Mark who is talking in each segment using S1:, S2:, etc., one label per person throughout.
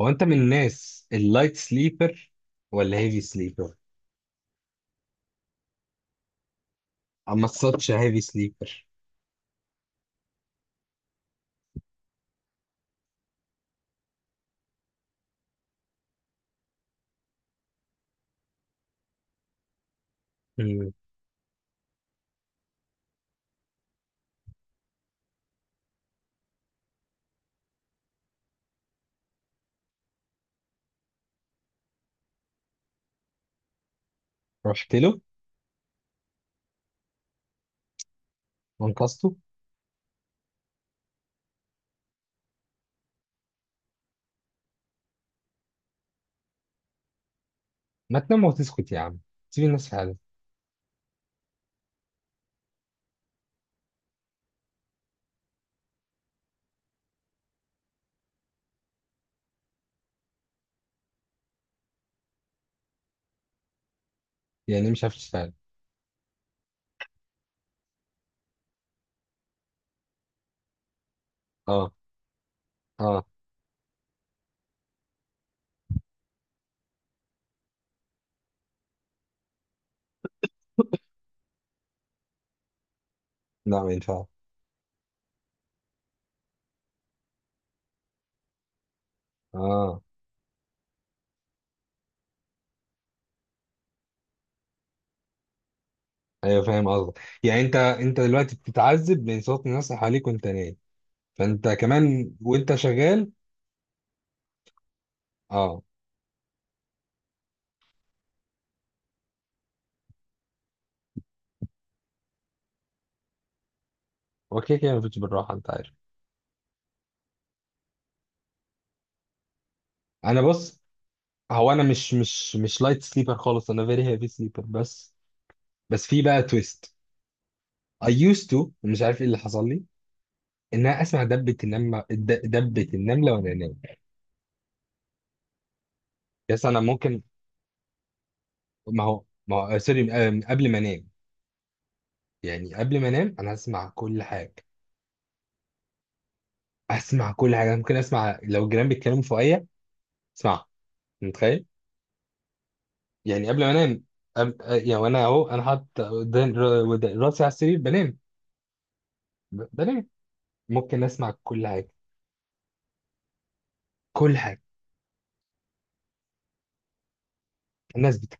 S1: هو انت من الناس اللايت سليبر ولا هيفي سليبر؟ اما تصدش هيفي سليبر. مم. رحت له وانقذته. ما تنام وتسكت يا عم، سيب الناس في حالها. يعني إيه مش عارف تشتغل؟ اه. اه. لا، ما ينفعش. اه. ايوه، فاهم قصدك. يعني انت دلوقتي بتتعذب من صوت الناس اللي حواليك وانت نايم، فانت كمان وانت شغال. اه. اوكي، كده ما فيش بالراحه، انت عارف. انا بص، هو انا مش لايت سليبر خالص، انا فيري هيفي سليبر. بس بس في بقى تويست. I used to، مش عارف ايه اللي حصل لي. ان انا اسمع دبة النملة دبة النملة وانا نايم. بس انا ممكن. ما هو سوري، قبل ما انام، يعني قبل ما انام انا اسمع كل حاجة. اسمع كل حاجة، ممكن اسمع لو الجيران بيتكلموا فوقيا، اسمعها. متخيل؟ يعني قبل ما انام أب... آه، يعني وانا اهو انا حاطط ودان- راسي على السرير بنام. بنام. ممكن اسمع كل حاجة، كل حاجة. الناس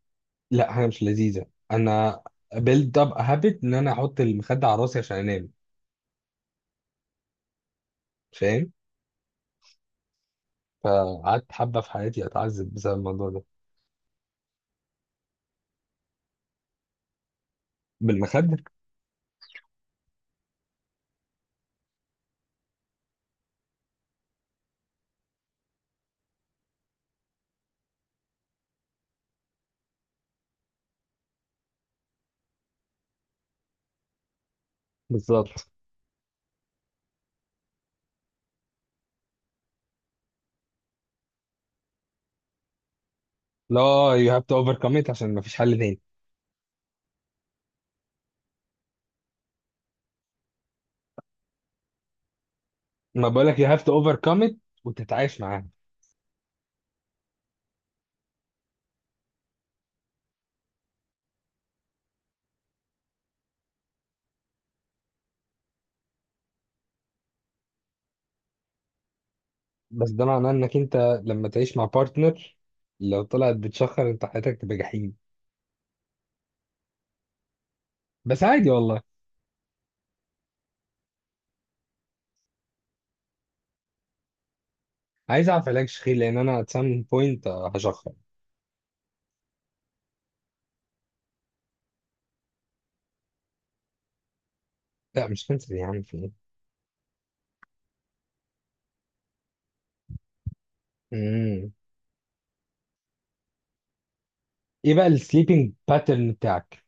S1: لا، حاجة مش لذيذة. انا build up a habit ان انا احط المخدة على راسي عشان انام، فاهم؟ فقعدت حبة في حياتي أتعذب بسبب الموضوع ده. بالمخدة. بالظبط. لا، you have to overcome it عشان مفيش حل تاني. ما بقولك you have to overcome it وتتعايش معاها. بس ده معناه إنك أنت لما تعيش مع بارتنر، لو طلعت بتشخر أنت حياتك تبقى جحيم. بس عادي والله. عايز أعرف علاج شخير، لأن أنا at some point هشخر. لا مش كانسر يا عم، في إيه؟ مم. إيه بقى السليبنج باترن بتاعك؟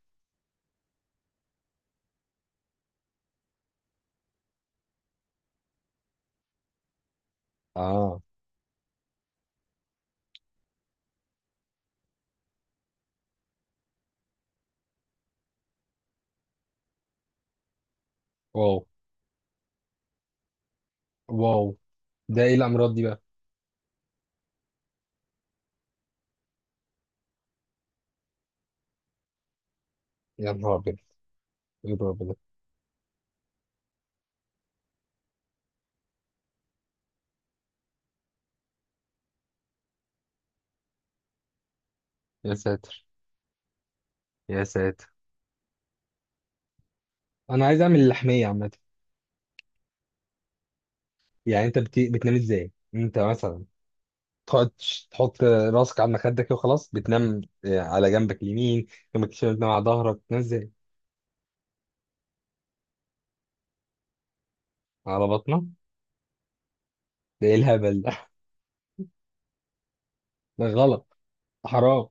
S1: آه. واو. واو. ده إيه الأمراض دي بقى؟ يا نهار أبيض، إيه الرعب ده؟ يا ساتر. يا ساتر، انا عايز اعمل اللحميه عامه. يعني انت بتنام ازاي انت مثلا؟ تقعد تحط راسك على مخدك كده وخلاص بتنام على جنبك اليمين، جنبك الشمال، بتنام على ظهرك، بتنام ازاي؟ على بطنك؟ ده ايه الهبل ده؟ ده غلط، حرام.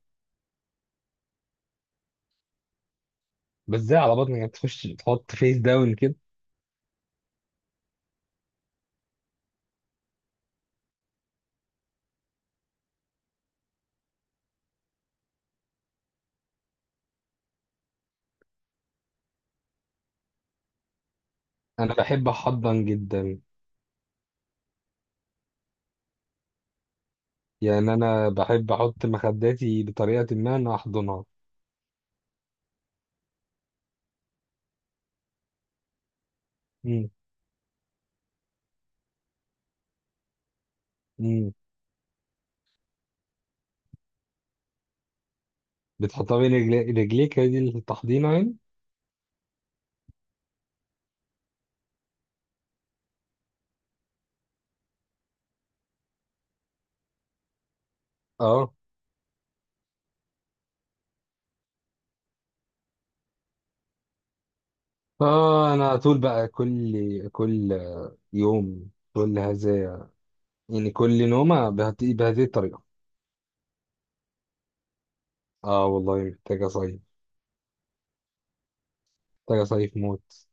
S1: بس ازاي على بطنك، يعني تخش تحط فيس داون كده؟ انا بحب احضن جدا. يعني انا بحب احط مخداتي بطريقه ما انا احضنها. امم. امم. بتحطها بين رجليك، هي دي التحضينه يعني؟ اه. اه، انا على طول بقى كل يوم، كل هذا، يعني كل نومة بهذه بهذه الطريقة. اه والله محتاج اصيف، محتاج اصيف موت.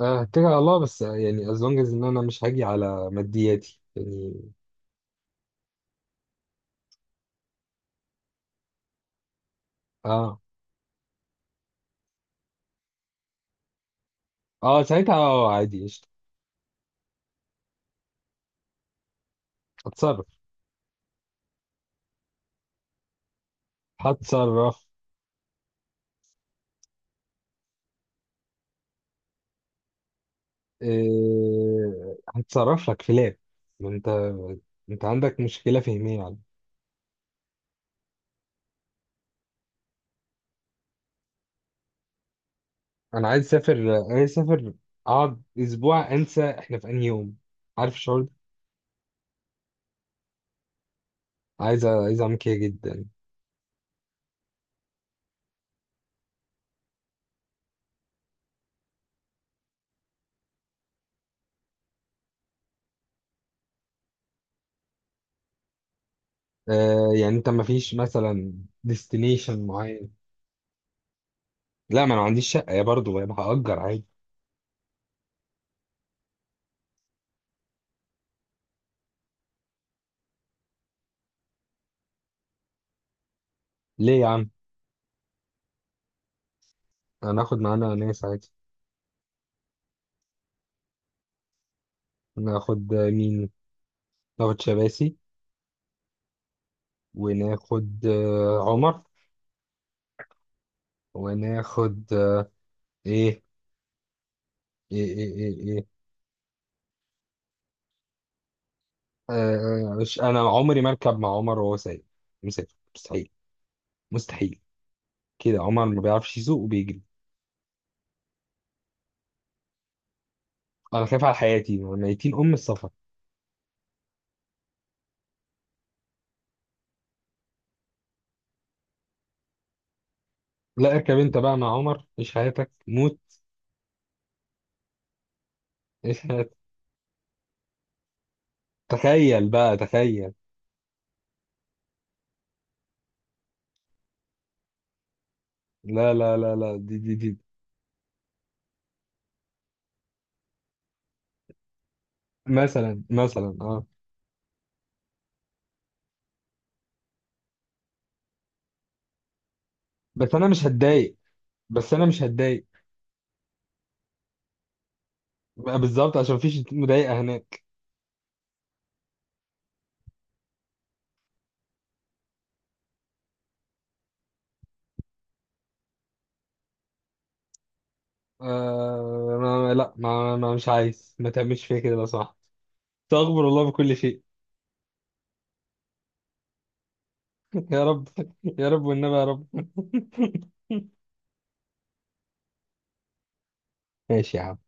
S1: آه، هتكل على الله بس، يعني as long as ان انا مش هاجي على مادياتي يعني. اه. اه، ساعتها اه عادي، قشطة. هتصرف. هتصرف. إيه، هتصرف لك في لاب. ما انت، انت عندك مشكلة فهمية يعني. انا عايز اسافر، عايز اسافر، اقعد اسبوع انسى احنا في انهي يوم. عارف الشعور ده؟ عايز عايز اعمل كده جدا. آه يعني انت ما فيش مثلا ديستنيشن معين؟ لا، ما انا ما عنديش شقه يا، برضه يبقى هأجر عادي. ليه يا عم؟ انا هاخد معانا ناس عادي. ناخد مين؟ ناخد شباسي. وناخد عمر. وناخد ايه؟ إيه؟ آه، مش انا عمري ما اركب مع عمر وهو سايق مسافر، مستحيل. مستحيل. كده عمر ما بيعرفش يسوق وبيجري. انا خايف على حياتي ميتين ام السفر. لا اركب انت بقى مع عمر، عيش حياتك موت. تخيل بقى، تخيل. لا لا لا لا، دي دي دي. مثلا، مثلا اه. بس انا مش هتضايق، بس انا مش هتضايق. بقى بالظبط، عشان مفيش مضايقه هناك. آه، ما مش عايز، ما تعملش فيا كده لو سمحت. استغفر الله بكل شيء. يا رب. يا رب والنبي يا رب. ماشي يا عم.